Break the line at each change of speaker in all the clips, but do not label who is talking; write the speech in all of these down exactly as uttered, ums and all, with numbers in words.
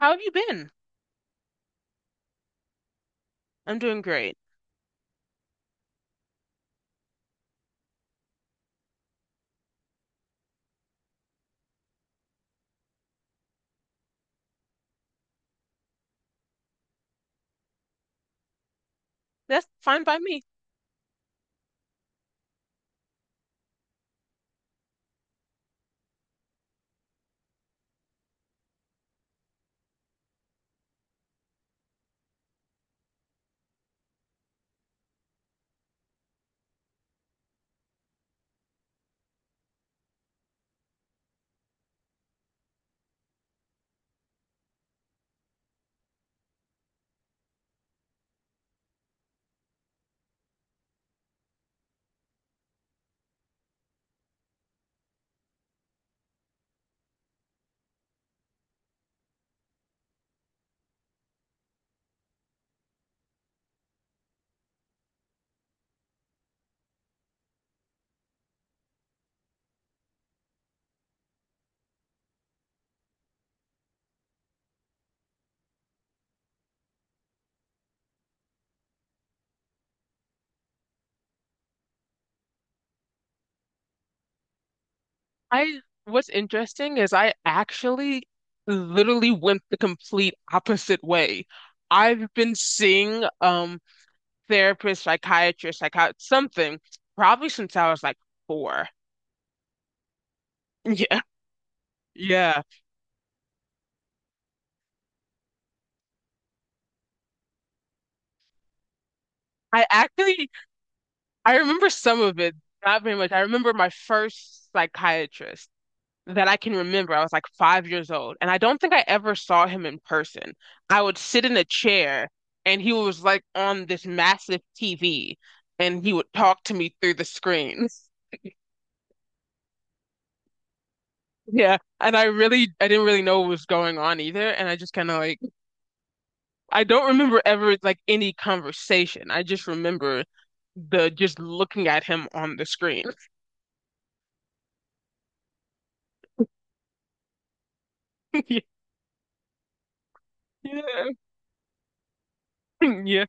How have you been? I'm doing great. That's fine by me. I, what's interesting is I actually literally went the complete opposite way. I've been seeing um therapist, psychiatrist, psychiatrist, something probably since I was like four. Yeah. Yeah. I actually I remember some of it, not very much. I remember my first psychiatrist. that I can remember. I was like five years old, and I don't think I ever saw him in person. I would sit in a chair, and he was like on this massive T V, and he would talk to me through the screen. Yeah, and I really, I didn't really know what was going on either, and I just kind of like, I don't remember ever like any conversation. I just remember the just looking at him on the screen. Yeah, yeah,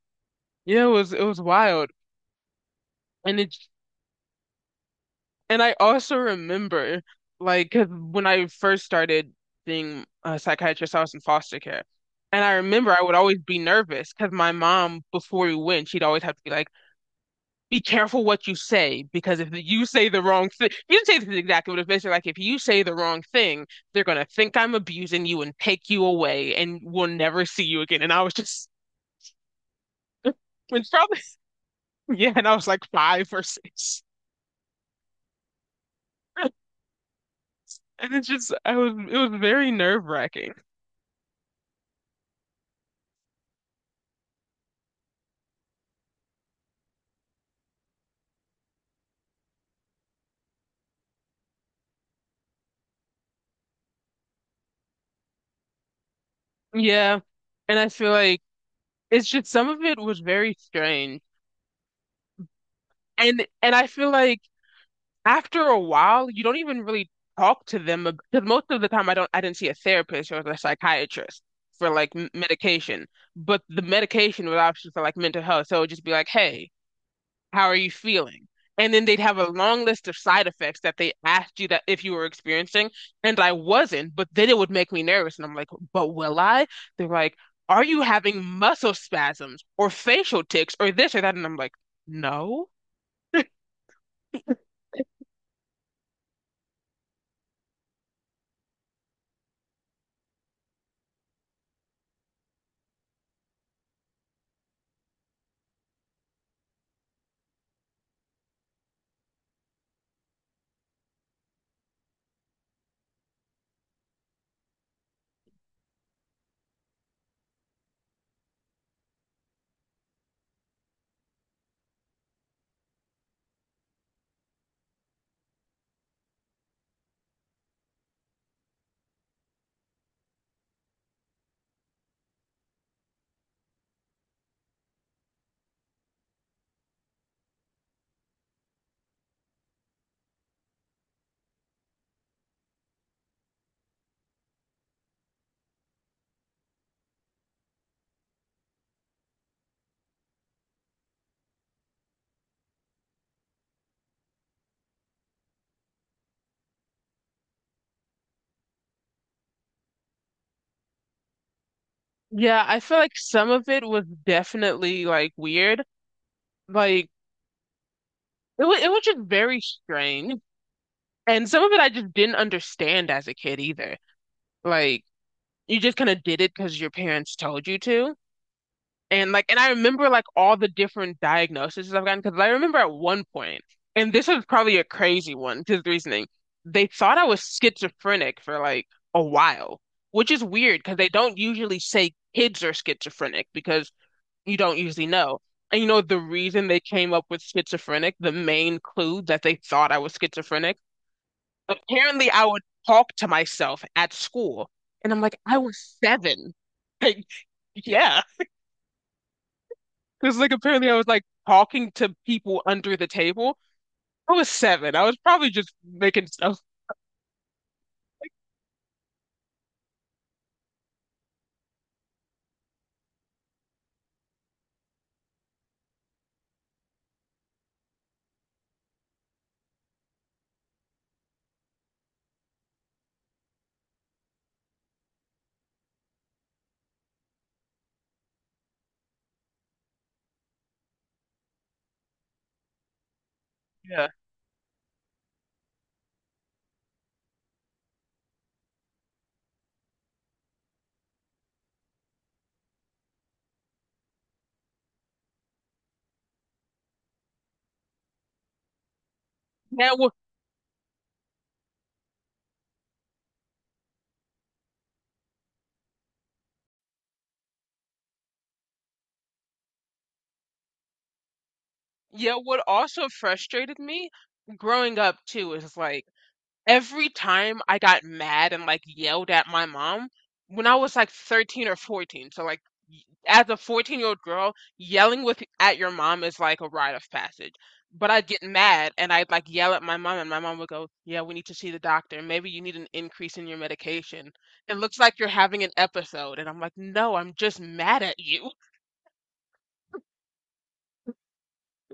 yeah. It was it was wild, and it And I also remember, like, 'cause when I first started being a psychiatrist, I was in foster care. And I remember I would always be nervous because my mom, before we went, she'd always have to be like, be careful what you say, because if you say the wrong thing, you didn't say this exactly, but it's basically like, if you say the wrong thing, they're going to think I'm abusing you and take you away and we'll never see you again. And I was just, it's probably, yeah, and I was like five or six. And it's just, I was, it was very nerve-wracking. Yeah. And I feel like it's just some of it was very strange. And and I feel like after a while you don't even really talk to them because most of the time I don't I didn't see a therapist or a psychiatrist for like m medication. But the medication was obviously for like mental health. So it would just be like, "Hey, how are you feeling?" And then they'd have a long list of side effects that they asked you that if you were experiencing, and I wasn't, but then it would make me nervous. And I'm like, but will I? They're like, are you having muscle spasms or facial tics or this or that? And I'm like, no. Yeah, I feel like some of it was definitely like weird. Like it was it was just very strange. And some of it I just didn't understand as a kid either. Like you just kind of did it because your parents told you to. And like, and I remember like all the different diagnoses I've gotten because I remember at one point, and this was probably a crazy one because the reasoning, they thought I was schizophrenic for like a while, which is weird because they don't usually say kids are schizophrenic because you don't usually know. And you know, the reason they came up with schizophrenic, the main clue that they thought I was schizophrenic, apparently I would talk to myself at school. And I'm like, I was seven. Like, yeah. Because like apparently I was like talking to people under the table. I was seven. I was probably just making stuff. Yeah. Yeah, what, yeah, what also frustrated me growing up too is like every time I got mad and, like, yelled at my mom, when I was, like, thirteen or fourteen, so, like, y as a fourteen-year-old girl, yelling with at your mom is like a rite of passage, but I'd get mad and I'd, like, yell at my mom, and my mom would go, "Yeah, we need to see the doctor. Maybe you need an increase in your medication. It looks like you're having an episode," and I'm like, "No, I'm just mad at you."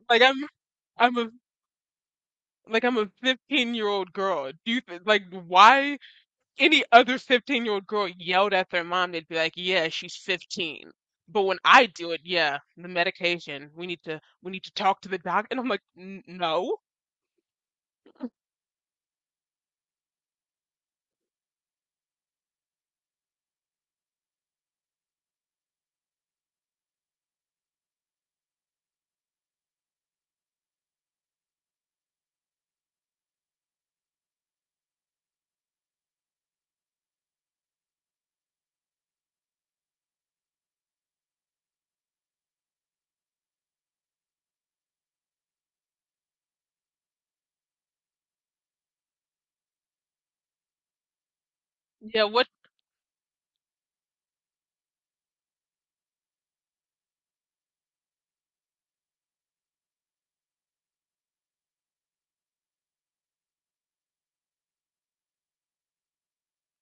Like, I'm I'm a like, I'm a fifteen-year-old girl. Do you th like, why any other fifteen year old girl yelled at their mom, they'd be like, yeah, she's fifteen." But when I do it, yeah, the medication, we need to we need to talk to the doc. And I'm like, "N- no. Yeah, what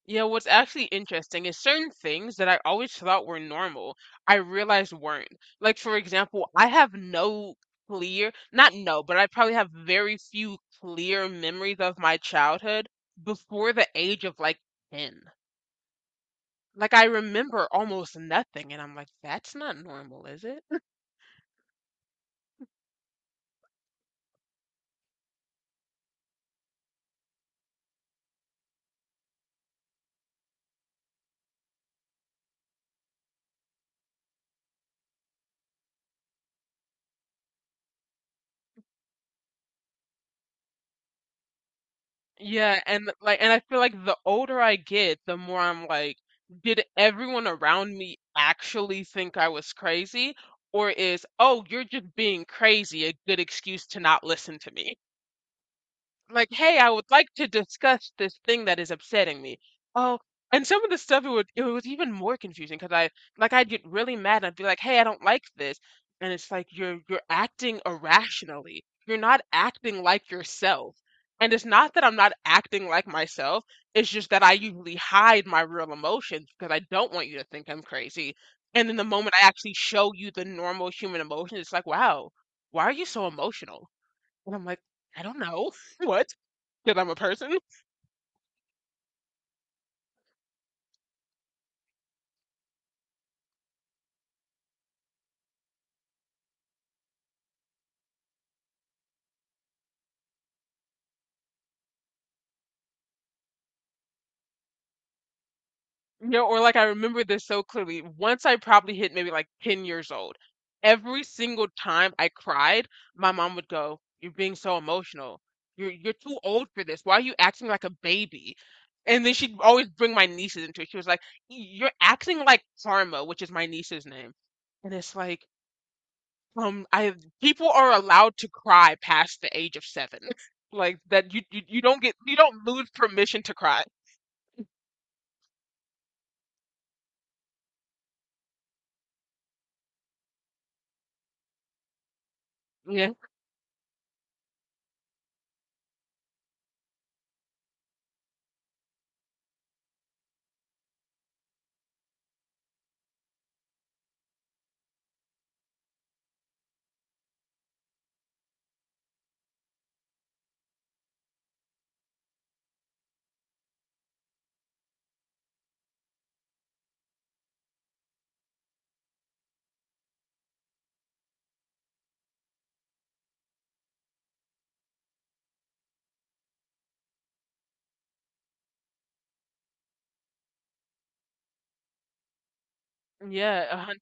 yeah, what's actually interesting is certain things that I always thought were normal, I realized weren't. Like for example, I have no clear, not no, but I probably have very few clear memories of my childhood before the age of like ten. Like, I remember almost nothing, and I'm like, that's not normal, is it? Yeah, and like, and I feel like the older I get, the more I'm like, did everyone around me actually think I was crazy? Or is, oh, you're just being crazy, a good excuse to not listen to me? I'm like, hey, I would like to discuss this thing that is upsetting me. Oh, and some of the stuff it would it was even more confusing because I like I'd get really mad and I'd be like, hey, I don't like this, and it's like you're you're acting irrationally. You're not acting like yourself. And it's not that I'm not acting like myself. It's just that I usually hide my real emotions because I don't want you to think I'm crazy. And then the moment I actually show you the normal human emotions, it's like, wow, why are you so emotional? And I'm like, I don't know. What? That I'm a person. You know, or like I remember this so clearly. Once I probably hit maybe like ten years old, every single time I cried, my mom would go, "You're being so emotional. You're you're too old for this. Why are you acting like a baby?" And then she'd always bring my nieces into it. She was like, "You're acting like Karma," which is my niece's name. And it's like, um, I people are allowed to cry past the age of seven. Like that you you, you don't get you don't lose permission to cry. Yeah. Yeah, a hundred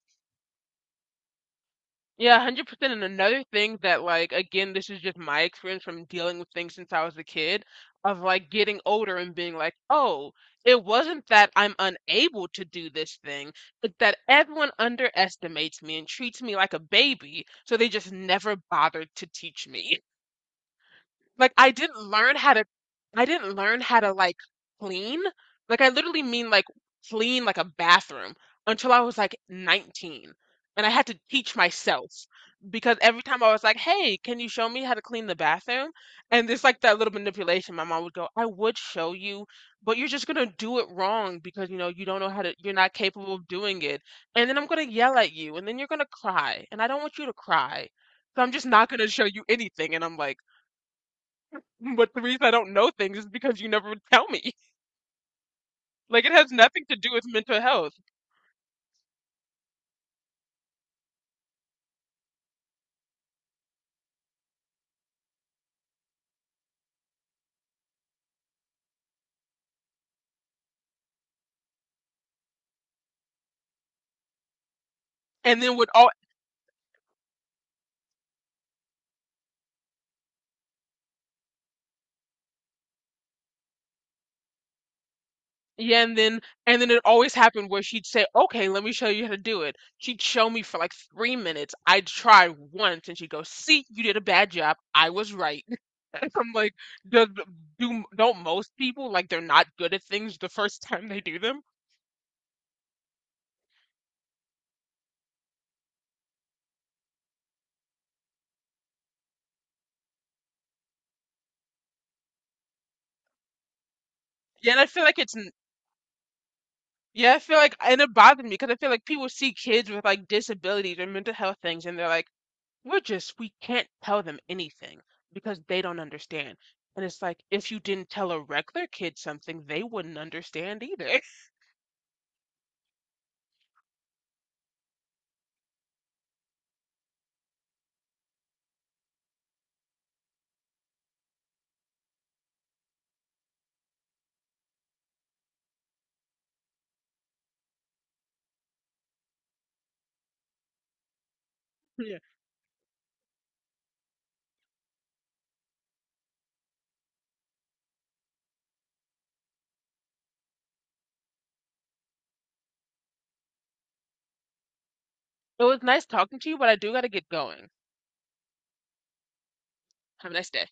Yeah, one hundred percent. And another thing that, like, again, this is just my experience from dealing with things since I was a kid, of like getting older and being like, oh, it wasn't that I'm unable to do this thing, but that everyone underestimates me and treats me like a baby, so they just never bothered to teach me. Like I didn't learn how to I didn't learn how to like clean. Like I literally mean like clean like a bathroom until I was like nineteen. And I had to teach myself because every time I was like, "Hey, can you show me how to clean the bathroom?" And there's like that little manipulation. My mom would go, "I would show you, but you're just gonna do it wrong because you know you don't know how to. You're not capable of doing it. And then I'm gonna yell at you, and then you're gonna cry, and I don't want you to cry, so I'm just not gonna show you anything." And I'm like. But the reason I don't know things is because you never would tell me. Like it has nothing to do with mental health. And then would all yeah, and then and then it always happened where she'd say, "Okay, let me show you how to do it." She'd show me for like three minutes. I'd try once, and she'd go, "See, you did a bad job. I was right." And I'm like, "Does do don't most people like they're not good at things the first time they do them?" Yeah, and I feel like it's n- yeah, I feel like and it bothered me because I feel like people see kids with like disabilities or mental health things, and they're like we're just, we can't tell them anything because they don't understand. And it's like, if you didn't tell a regular kid something, they wouldn't understand either. Yeah. It was nice talking to you, but I do gotta get going. Have a nice day.